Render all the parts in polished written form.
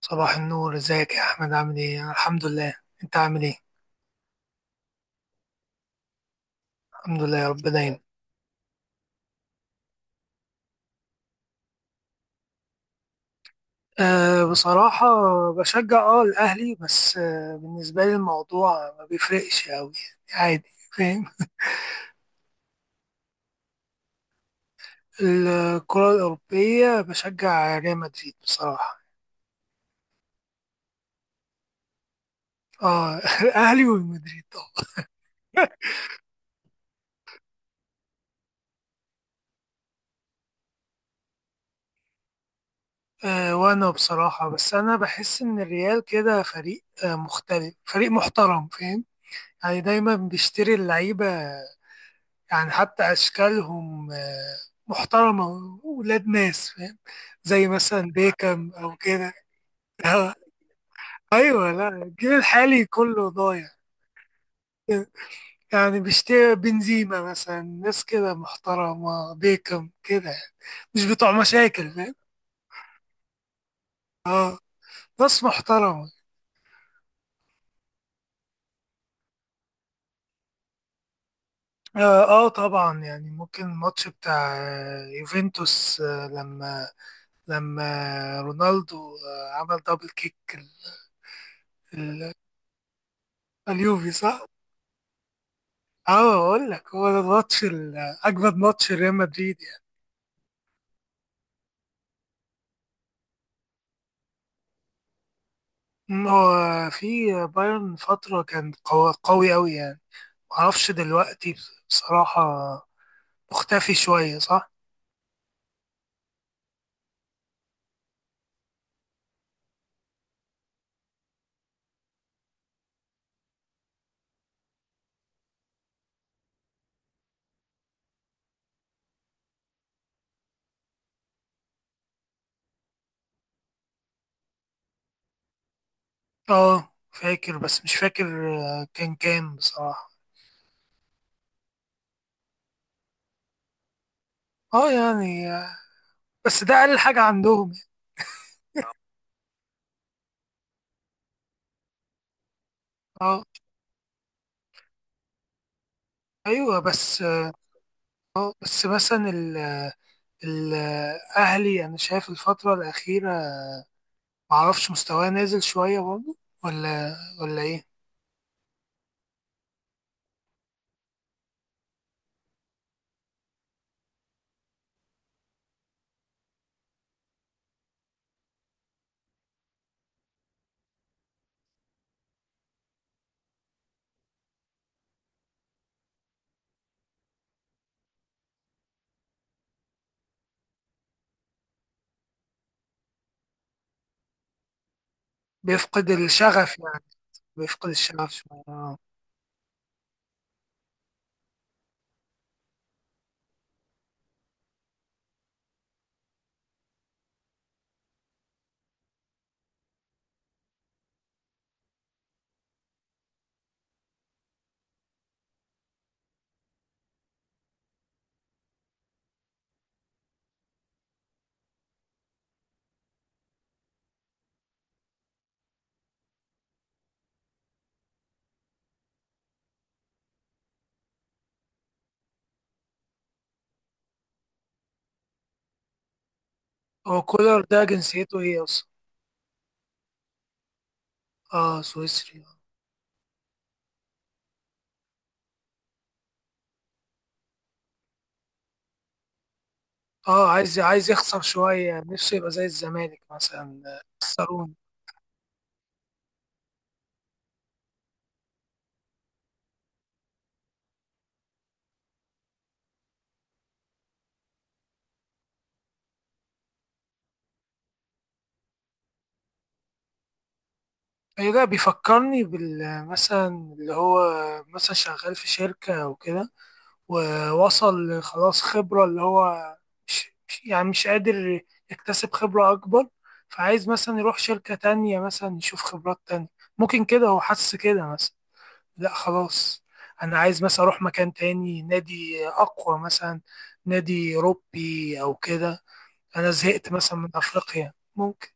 صباح النور، ازيك يا احمد؟ عامل ايه؟ أنا الحمد لله. انت عامل ايه؟ الحمد لله يا رب دايما. أه، بصراحة بشجع اه الاهلي، بس أه بالنسبة لي الموضوع ما بيفرقش اوي، يعني عادي. فاهم؟ الكرة الأوروبية بشجع ريال مدريد بصراحة. اه الاهلي والمدريد طبعا. أه وانا بصراحة، بس انا بحس ان الريال كده فريق مختلف، فريق محترم، فاهم؟ يعني دايما بيشتري اللعيبة، يعني حتى أشكالهم محترمة، ولاد ناس فاهم، زي مثلا بيكم أو كده. آه، أيوه، لا الجيل الحالي كله ضايع، يعني بيشتري بنزيما مثلا، ناس كده محترمة، بيكم كده يعني. مش بتوع مشاكل، فاهم؟ ناس محترمة. آه، اه طبعا، يعني ممكن الماتش بتاع يوفنتوس، آه لما لما رونالدو آه عمل دبل كيك ال- اليوفي، صح؟ اه اقول لك، هو ده الماتش اجمد ماتش ريال مدريد يعني. هو في بايرن فتره كان قوي قوي قوي يعني. معرفش دلوقتي بصراحه، مختفي شويه، صح. اه فاكر، بس مش فاكر كان كام بصراحه. اه يعني بس ده اقل حاجه عندهم يعني. اه، ايوه بس اه، بس مثلا الاهلي انا شايف الفتره الاخيره معرفش، مستواه نازل شوية برضه؟ ولا ولا إيه؟ بيفقد الشغف يعني. بيفقد الشغف شوية. هو كولر ده جنسيته إيه أصلا؟ آه سويسري. آه، عايز عايز يخسر شوية نفسه، يبقى زي الزمالك مثلا خسرون. أيوة ده بيفكرني بال مثلا، اللي هو مثلا شغال في شركة أو كده، ووصل خلاص خبرة، اللي هو يعني مش قادر يكتسب خبرة أكبر، فعايز مثلا يروح شركة تانية مثلا، يشوف خبرات تانية. ممكن كده هو حس كده مثلا، لا خلاص أنا عايز مثلا أروح مكان تاني، نادي أقوى مثلا، نادي أوروبي أو كده. أنا زهقت مثلا من أفريقيا، ممكن.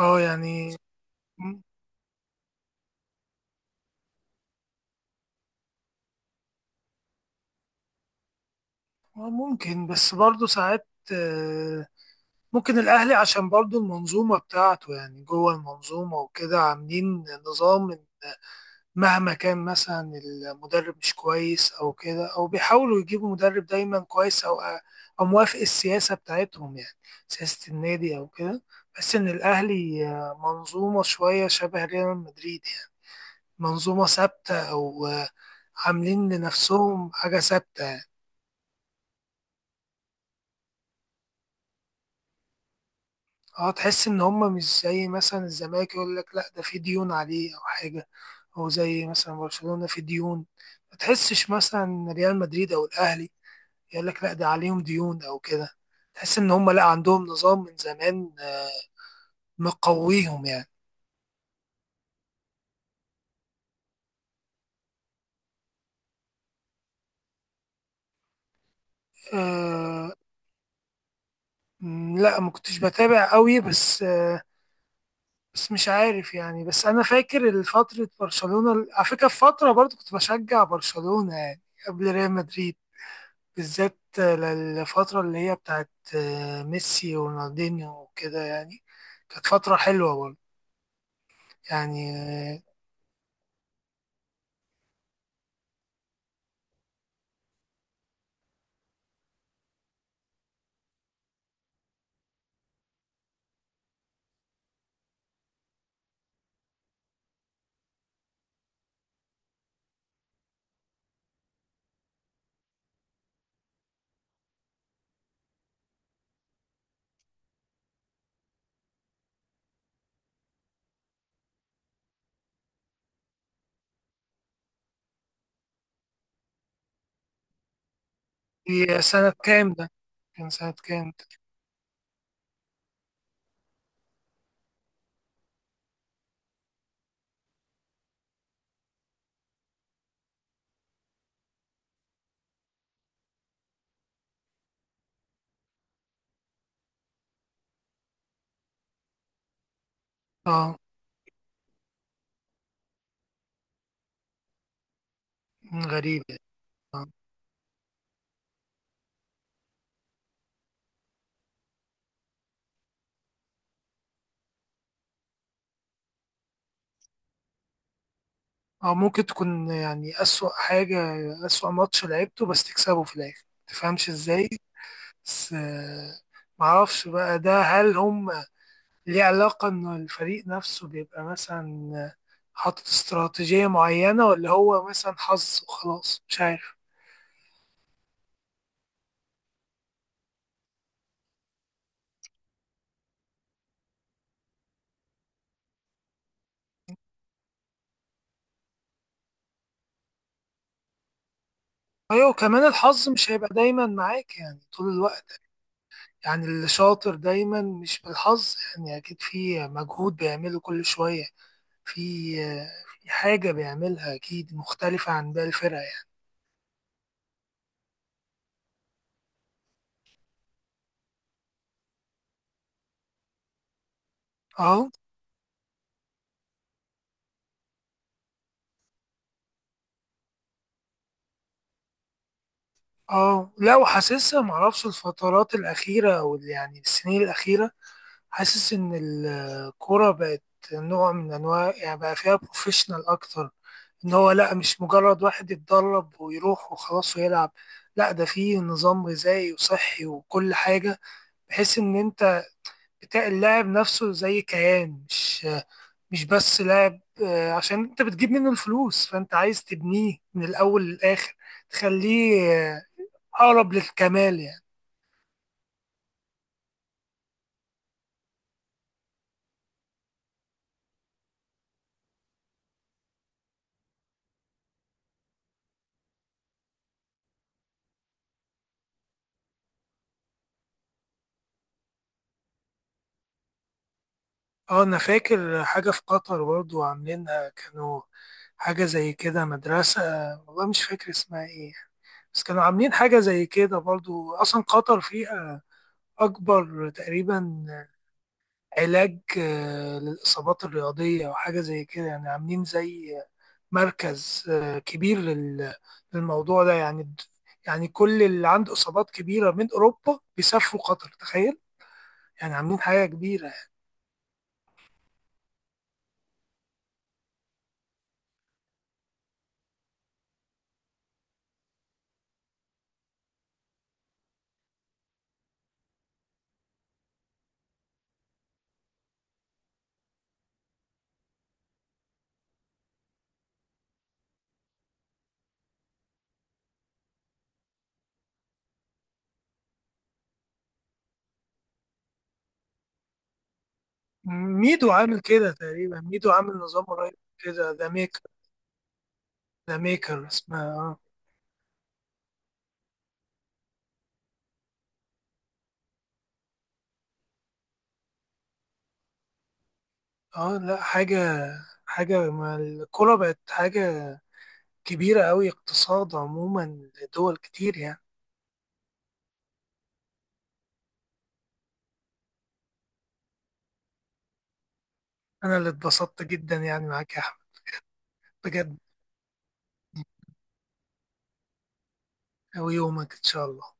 أه يعني م-، ممكن، بس برضه ساعات آه، ممكن الأهلي، عشان برضو المنظومة بتاعته يعني، جوه المنظومة وكده عاملين نظام، إن مهما كان مثلا المدرب مش كويس أو كده، أو بيحاولوا يجيبوا مدرب دايما كويس، أو أو موافق السياسة بتاعتهم يعني، سياسة النادي أو كده. بس إن الأهلي منظومة شوية شبه ريال مدريد يعني، منظومة ثابتة أو عاملين لنفسهم حاجة ثابتة يعني. اه، تحس ان هم مش زي مثلا الزمالك، يقول لك لا ده في ديون عليه او حاجه، او زي مثلا برشلونه في ديون، ما تحسش مثلا إن ريال مدريد او الاهلي يقول لك لا ده عليهم ديون او كده. تحس ان هم لا، عندهم نظام من زمان مقويهم يعني. أه لا ما كنتش بتابع قوي، بس أه، بس مش عارف يعني، بس انا فاكر فتره برشلونه، على فكره في فتره برضو كنت بشجع برشلونه يعني، قبل ريال مدريد، بالذات للفترة اللي هي بتاعت ميسي ورونالدينيو وكده يعني. كانت فترة حلوة برضه يعني آه، دي سنة كام ده؟ كان سنة كام ده؟ اه غريب يعني. اه ممكن تكون يعني أسوأ حاجة، أسوأ ماتش لعبته بس تكسبه في الآخر، متفهمش ازاي. بس معرفش بقى ده، هل هم ليه علاقة إن الفريق نفسه بيبقى مثلا حاطط استراتيجية معينة، ولا هو مثلا حظ وخلاص، مش عارف. ايوه، كمان الحظ مش هيبقى دايما معاك يعني طول الوقت. يعني اللي شاطر دايما مش بالحظ، يعني اكيد في مجهود بيعمله كل شوية. في في حاجة بيعملها اكيد مختلفة عن باقي الفرقة يعني. اه. اه لا، وحاسسها، معرفش الفترات الأخيرة أو ال-، يعني السنين الأخيرة، حاسس إن الكورة بقت نوع من أنواع، يعني بقى فيها بروفيشنال أكتر. إن هو لأ، مش مجرد واحد يتدرب ويروح وخلاص ويلعب، لأ ده فيه نظام غذائي وصحي وكل حاجة، بحيث إن أنت بتاع اللاعب نفسه زي كيان، مش مش بس لاعب عشان أنت بتجيب منه الفلوس، فأنت عايز تبنيه من الأول للآخر، تخليه أقرب للكمال يعني. اه انا فاكر حاجة في قطر برضو عاملينها، كانوا حاجة زي كده، مدرسة، والله مش فاكر اسمها ايه يعني، بس كانوا عاملين حاجة زي كده برضو. اصلا قطر فيها اكبر تقريبا علاج للاصابات الرياضية او حاجة زي كده يعني، عاملين زي مركز كبير للموضوع ده، يعني يعني كل اللي عنده اصابات كبيرة من اوروبا بيسافروا قطر، تخيل. يعني عاملين حاجة كبيرة. ميدو عامل كده تقريبا، ميدو عامل نظام قريب كده، ذا ميكر. ذا ميكر اسمها، اه. اه لا حاجة، حاجة ما الكورة بقت حاجة كبيرة أوي، اقتصاد عموما لدول كتير يعني. أنا اللي اتبسطت جدا يعني معاك يا أحمد، بجد. ويومك إن شاء الله.